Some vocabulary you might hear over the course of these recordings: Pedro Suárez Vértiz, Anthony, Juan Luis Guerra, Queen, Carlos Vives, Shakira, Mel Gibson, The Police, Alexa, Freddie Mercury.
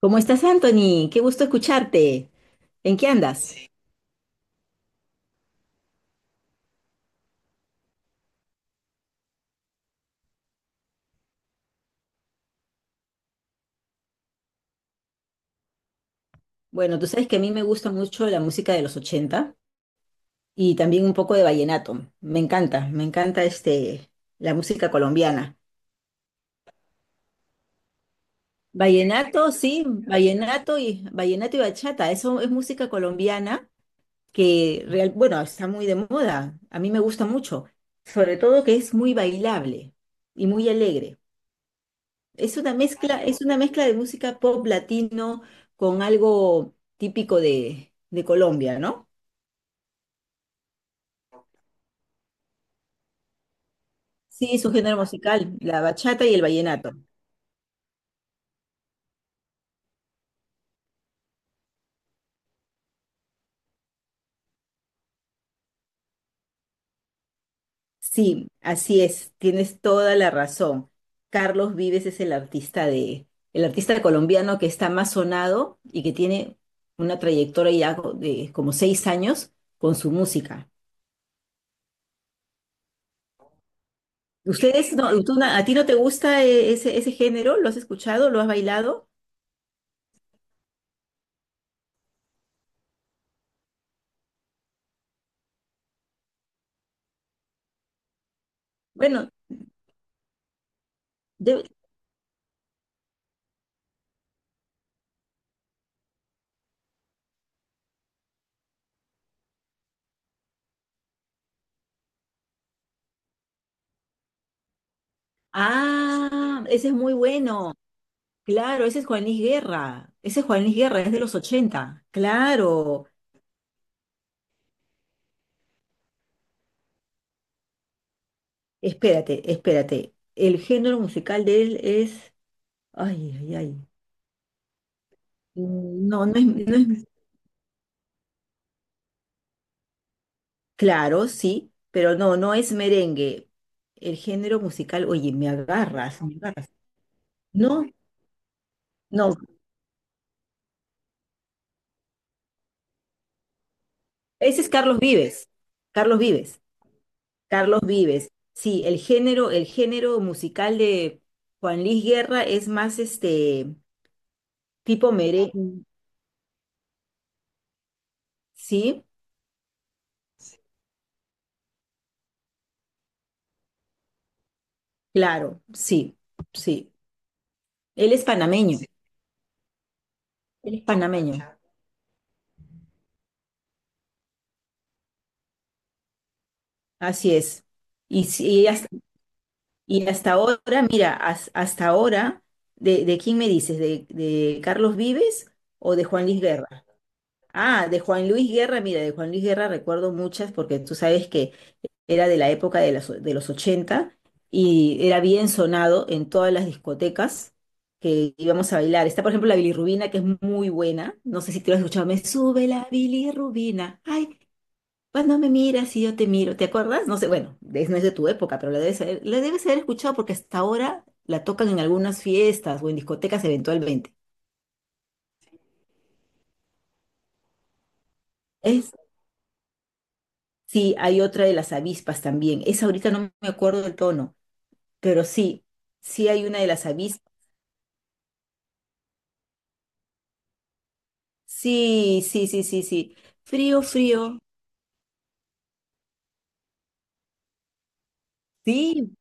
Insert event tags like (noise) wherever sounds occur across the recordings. ¿Cómo estás, Anthony? Qué gusto escucharte. ¿En qué andas? Sí. Bueno, tú sabes que a mí me gusta mucho la música de los 80 y también un poco de vallenato. La música colombiana. Vallenato, sí, vallenato y bachata, eso es música colombiana bueno, está muy de moda. A mí me gusta mucho, sobre todo que es muy bailable y muy alegre. Es una mezcla de música pop latino con algo típico de Colombia, ¿no? Sí, es un género musical, la bachata y el vallenato. Sí, así es, tienes toda la razón. Carlos Vives es el artista de, El artista colombiano que está más sonado y que tiene una trayectoria de como seis años con su música. ¿Ustedes no, A ti no te gusta ese género? ¿Lo has escuchado? ¿Lo has bailado? Bueno, de- Ah, ese es muy bueno. Claro, ese es Juan Luis Guerra. Ese es Juan Luis Guerra, es de los ochenta. Claro. Espérate. El género musical de él es... Ay, ay, ay. No, no es... Claro, sí, pero no es merengue. El género musical, oye, me agarras. No, no, ese es Carlos Vives. Carlos Vives. Carlos Vives. Sí, el género musical de Juan Luis Guerra es más este tipo merengue. Sí, claro, sí, sí. Él es panameño, él es panameño, así es. Y sí, y hasta ahora, mira, hasta ahora, ¿de quién me dices? ¿De Carlos Vives o de Juan Luis Guerra? Ah, de Juan Luis Guerra, mira, de Juan Luis Guerra recuerdo muchas porque tú sabes que era de la época de los 80 y era bien sonado en todas las discotecas que íbamos a bailar. Está, por ejemplo, la bilirrubina, que es muy buena. No sé si te lo has escuchado. Me sube la bilirrubina. Ay, cuando me miras y yo te miro, ¿te acuerdas? No sé, bueno, no es de tu época, pero la debes haber escuchado porque hasta ahora la tocan en algunas fiestas o en discotecas eventualmente. Es, sí, hay otra de las avispas también. Esa ahorita no me acuerdo del tono, pero sí, sí hay una de las avispas. Sí, sí, sí, sí, sí. Frío, frío. Sí.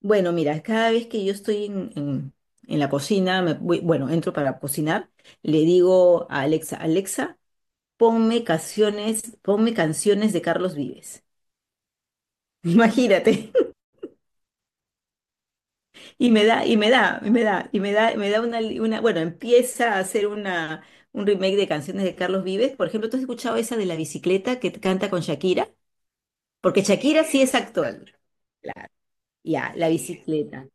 Bueno, mira, cada vez que yo estoy en la cocina, bueno, entro para cocinar, le digo a Alexa, Alexa, ponme canciones de Carlos Vives. (laughs) Imagínate. Y me da, y me da, y me da, y me da una, una, bueno, empieza a hacer una, un remake de canciones de Carlos Vives. Por ejemplo, ¿tú has escuchado esa de la bicicleta que canta con Shakira? Porque Shakira sí es actual. La- Ya, la bicicleta.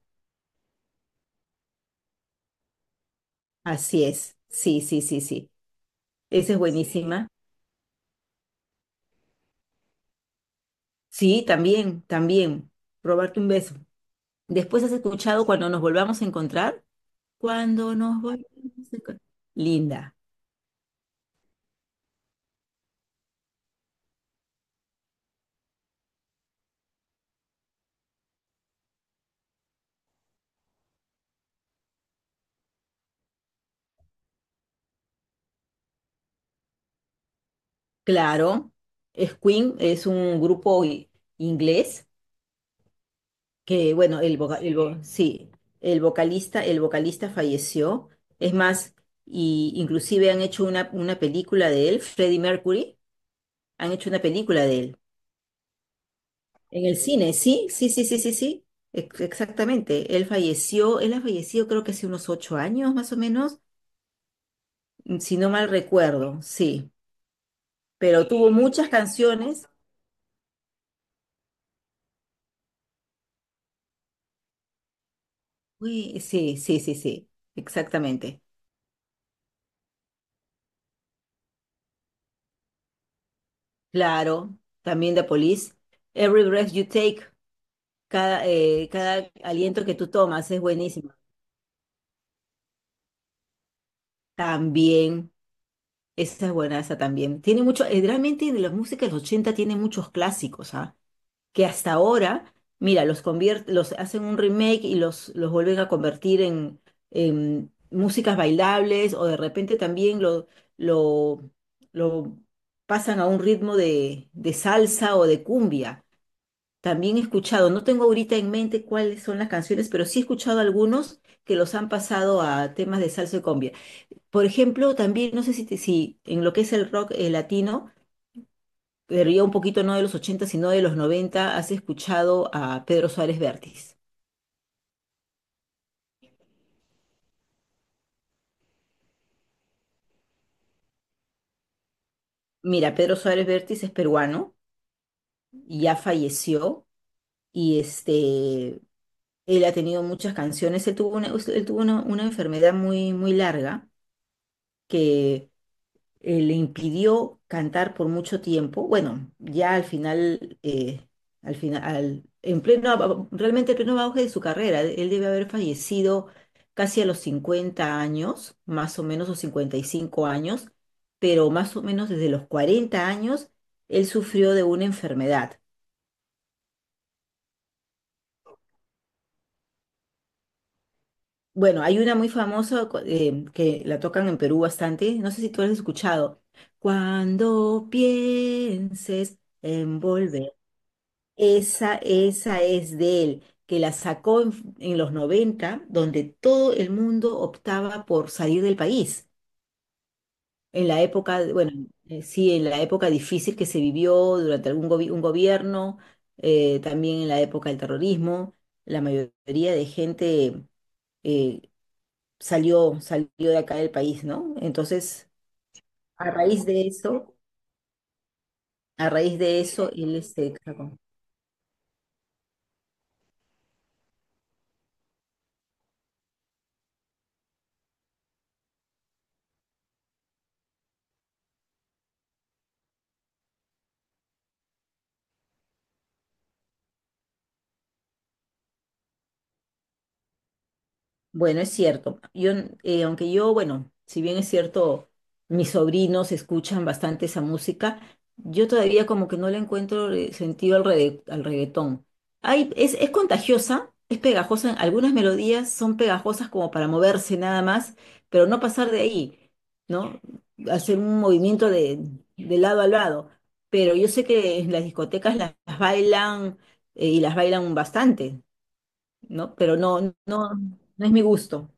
Así es. Sí, sí, sí, sí. Esa es, sí, buenísima. Sí, también, también. Robarte un beso. Después has escuchado cuando nos volvamos a encontrar. Cuando nos volvamos a encontrar. Linda. Claro. Es Queen, es un grupo inglés que, bueno, sí, el vocalista falleció. Es más, y inclusive han hecho una película de él, Freddie Mercury, han hecho una película de él. En el cine, sí, sí, sí, sí, sí, sí, exactamente. Él falleció, él ha fallecido creo que hace unos ocho años más o menos, si no mal recuerdo, sí. Pero tuvo muchas canciones. Uy, sí, sí, sí, sí, exactamente. Claro, también The Police. Every Breath You Take, cada, cada aliento que tú tomas es buenísimo. También, esa es buena, esa también. Tiene mucho, realmente de la música de los 80 tiene muchos clásicos, ¿ah? Que hasta ahora, mira, los hacen un remake y los vuelven a convertir en músicas bailables o de repente también lo, lo pasan a un ritmo de salsa o de cumbia. También he escuchado, no tengo ahorita en mente cuáles son las canciones, pero sí he escuchado algunos que los han pasado a temas de salsa y cumbia. Por ejemplo, también no sé si, si en lo que es el rock latino, pero ya un poquito no de los 80 sino de los 90. Has escuchado a Pedro Suárez Vértiz. Mira, Pedro Suárez Vértiz es peruano, y ya falleció y este, él ha tenido muchas canciones. Él tuvo una enfermedad muy, muy larga que le impidió cantar por mucho tiempo. Bueno, ya al final, en pleno, realmente en pleno auge de su carrera, él debe haber fallecido casi a los 50 años, más o menos, o 55 años, pero más o menos desde los 40 años, él sufrió de una enfermedad. Bueno, hay una muy famosa que la tocan en Perú bastante, no sé si tú la has escuchado. Cuando pienses envolver. Esa es de él, que la sacó en los 90 donde todo el mundo optaba por salir del país. En la época, bueno, sí, en la época difícil que se vivió durante un gobierno, también en la época del terrorismo, la mayoría de gente eh, salió de acá del país, ¿no? Entonces, a raíz de eso, a raíz de eso, él este... Bueno, es cierto. Aunque yo, bueno, si bien es cierto, mis sobrinos escuchan bastante esa música, yo todavía como que no le encuentro sentido al reggaetón. Hay, es contagiosa, es pegajosa, algunas melodías son pegajosas como para moverse nada más, pero no pasar de ahí, ¿no? Hacer un movimiento de lado a lado. Pero yo sé que en las discotecas las bailan y las bailan bastante, ¿no? Pero no, no, no es mi gusto.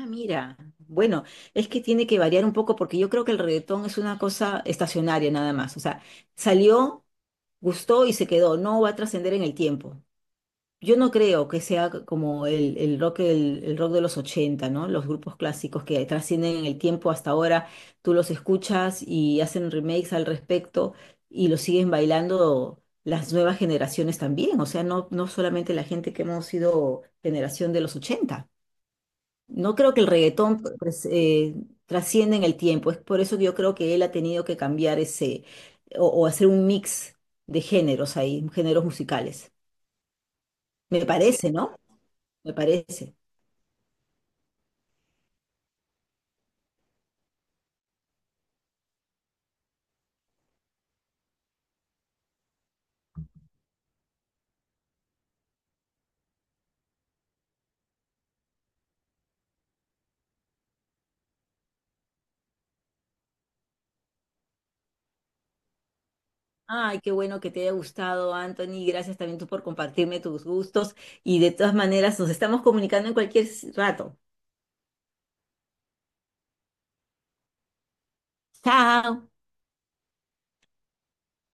Ah, mira, bueno, es que tiene que variar un poco porque yo creo que el reggaetón es una cosa estacionaria nada más. O sea, salió, gustó y se quedó, no va a trascender en el tiempo. Yo no creo que sea como el rock, el rock de los 80, ¿no? Los grupos clásicos que trascienden en el tiempo hasta ahora, tú los escuchas y hacen remakes al respecto y los siguen bailando las nuevas generaciones también. O sea, no, no solamente la gente que hemos sido generación de los 80. No creo que el reggaetón pues, trascienda en el tiempo. Es por eso que yo creo que él ha tenido que cambiar ese o hacer un mix de géneros ahí, géneros musicales. Me parece, ¿no? Me parece. Ay, qué bueno que te haya gustado, Anthony. Gracias también tú por compartirme tus gustos. Y de todas maneras, nos estamos comunicando en cualquier rato. Chao.